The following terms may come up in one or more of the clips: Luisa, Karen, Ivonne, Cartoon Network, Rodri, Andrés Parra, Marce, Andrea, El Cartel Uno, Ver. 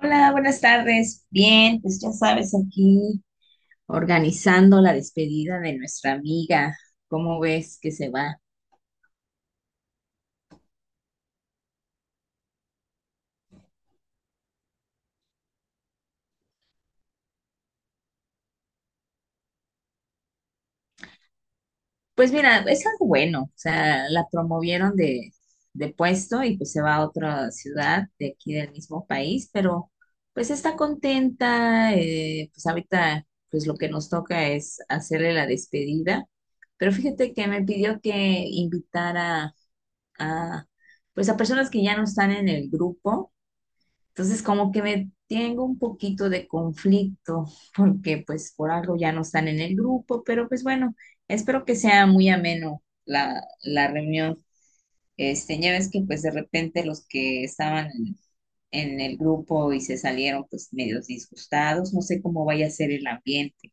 Hola, buenas tardes. Bien, pues ya sabes, aquí organizando la despedida de nuestra amiga. ¿Cómo ves que se va? Pues mira, es algo bueno. O sea, la promovieron de puesto y pues se va a otra ciudad de aquí del mismo país, pero pues está contenta. Pues ahorita, pues lo que nos toca es hacerle la despedida. Pero fíjate que me pidió que invitara a, pues a personas que ya no están en el grupo. Entonces, como que me tengo un poquito de conflicto, porque pues por algo ya no están en el grupo, pero pues bueno, espero que sea muy ameno la reunión. Ya ves que pues de repente los que estaban en el grupo y se salieron pues medios disgustados, no sé cómo vaya a ser el ambiente.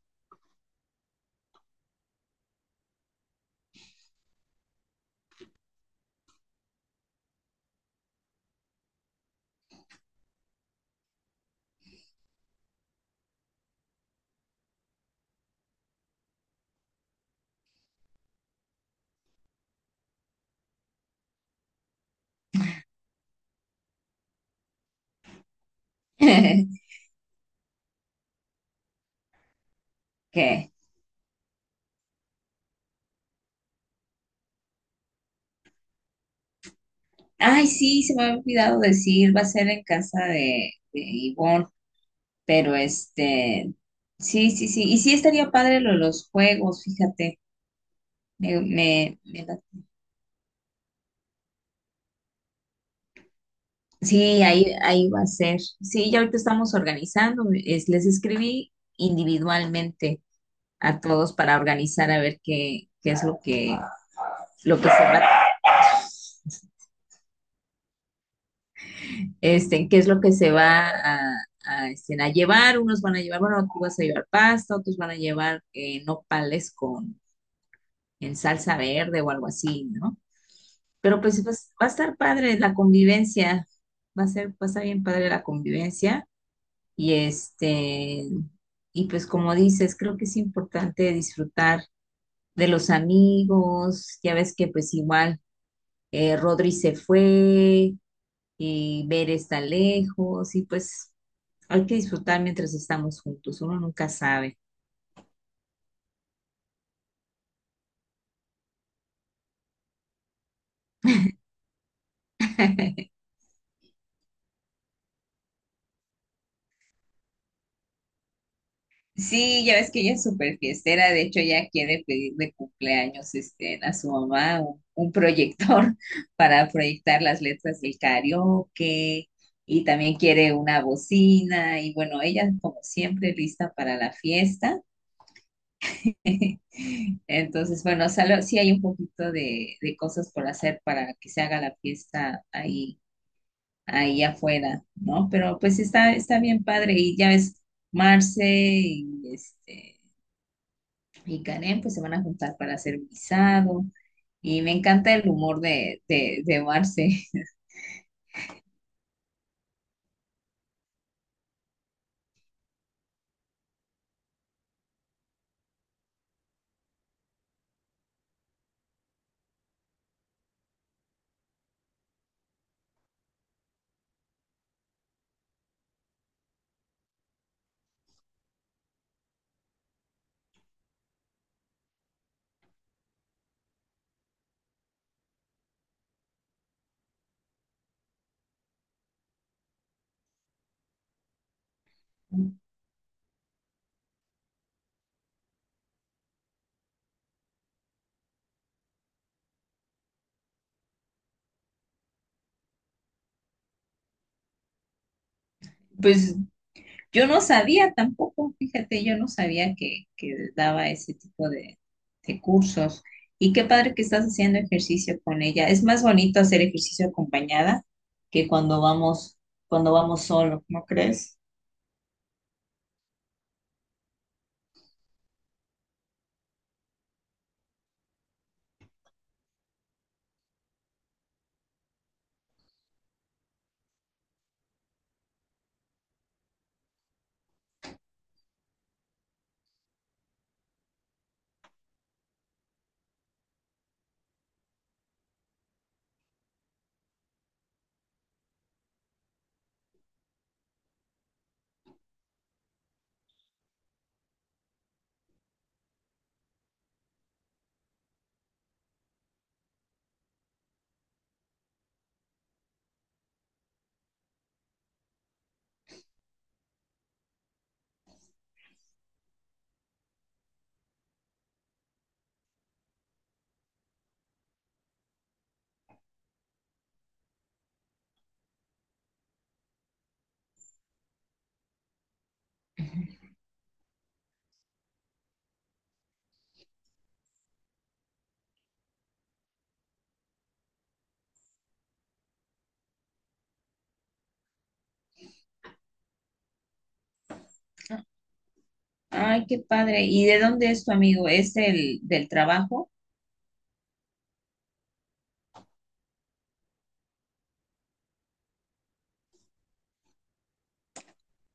¿Qué? Ay, sí, se me había olvidado decir, va a ser en casa de Ivonne, pero sí, sí, sí, y sí estaría padre lo de los juegos, fíjate. Me, me- me la- sí, ahí va a ser. Sí, ya ahorita estamos organizando. Les escribí individualmente a todos para organizar a ver qué es lo que se va, qué es lo que se va a llevar. Unos van a llevar, bueno, tú vas a llevar pasta, otros van a llevar nopales con en salsa verde o algo así, ¿no? Pero pues, va a estar padre la convivencia. Va a ser, va a estar bien padre la convivencia. Y este, y pues como dices, creo que es importante disfrutar de los amigos, ya ves que pues igual Rodri se fue y Ver está lejos y pues hay que disfrutar mientras estamos juntos, uno nunca sabe. Sí, ya ves que ella es súper fiestera, de hecho ella quiere pedir de cumpleaños a su mamá un proyector para proyectar las letras del karaoke y también quiere una bocina y bueno, ella como siempre lista para la fiesta. Entonces, bueno, sí hay un poquito de cosas por hacer para que se haga la fiesta ahí, ahí afuera, ¿no? Pero pues está bien padre y ya ves, Marce y Karen pues se van a juntar para hacer guisado y me encanta el humor de Marce. Pues yo no sabía tampoco, fíjate, yo no sabía que daba ese tipo de cursos. Y qué padre que estás haciendo ejercicio con ella. Es más bonito hacer ejercicio acompañada que cuando vamos solo, ¿no crees? Ay, qué padre. ¿Y de dónde es tu amigo? ¿Es el del trabajo?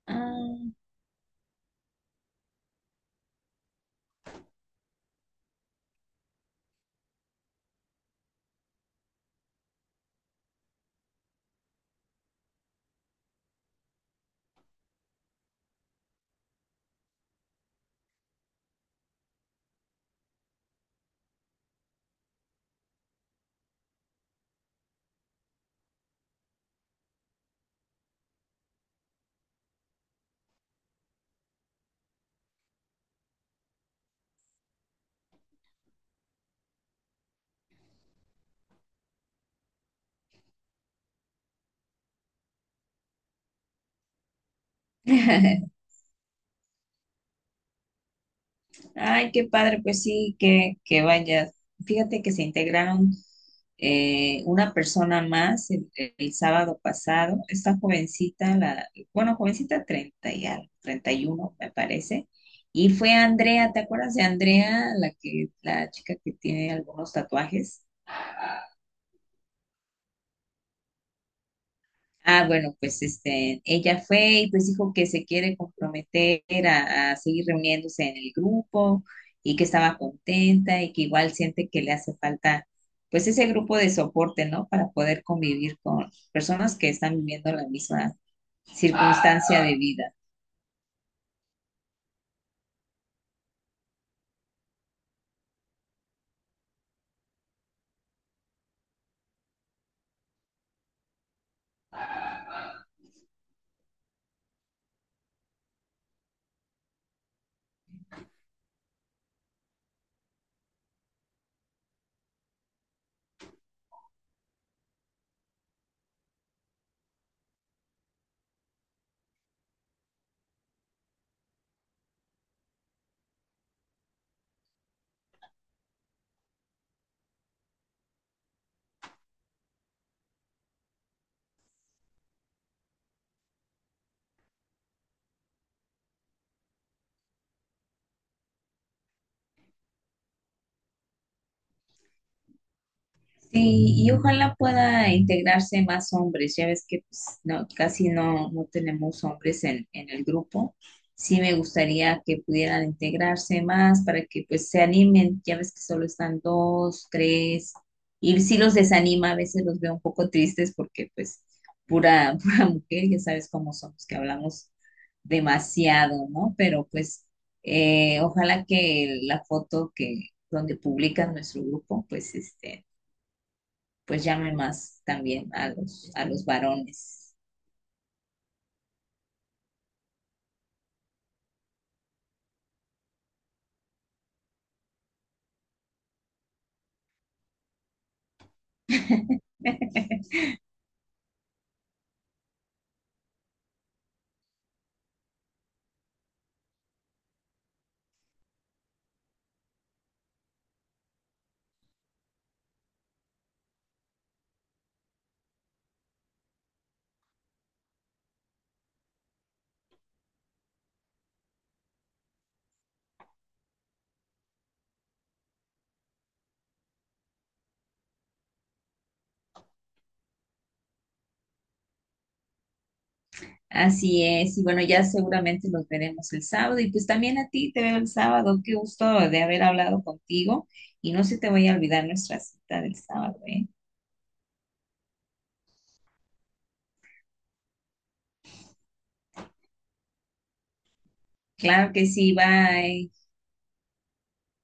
Ah. Ay, qué padre, pues sí, que vayas. Fíjate que se integraron una persona más el sábado pasado, esta jovencita, bueno, jovencita 30 y algo, 31 me parece, y fue Andrea, ¿te acuerdas de Andrea, la chica que tiene algunos tatuajes? Ah, bueno, pues ella fue y pues dijo que se quiere comprometer a seguir reuniéndose en el grupo y que estaba contenta y que igual siente que le hace falta pues ese grupo de soporte, ¿no? Para poder convivir con personas que están viviendo la misma circunstancia de vida. Sí, y ojalá pueda integrarse más hombres. Ya ves que pues, no, casi no tenemos hombres en el grupo. Sí me gustaría que pudieran integrarse más para que pues se animen. Ya ves que solo están dos, tres. Y sí los desanima, a veces los veo un poco tristes porque pues pura, pura mujer, ya sabes cómo somos, que hablamos demasiado, ¿no? Pero pues ojalá que la foto que donde publican nuestro grupo, pues este pues llame más también a los varones. Así es, y bueno, ya seguramente los veremos el sábado y pues también a ti te veo el sábado. Qué gusto de haber hablado contigo y no se te vaya a olvidar nuestra cita del sábado, ¿eh? Claro que sí, bye.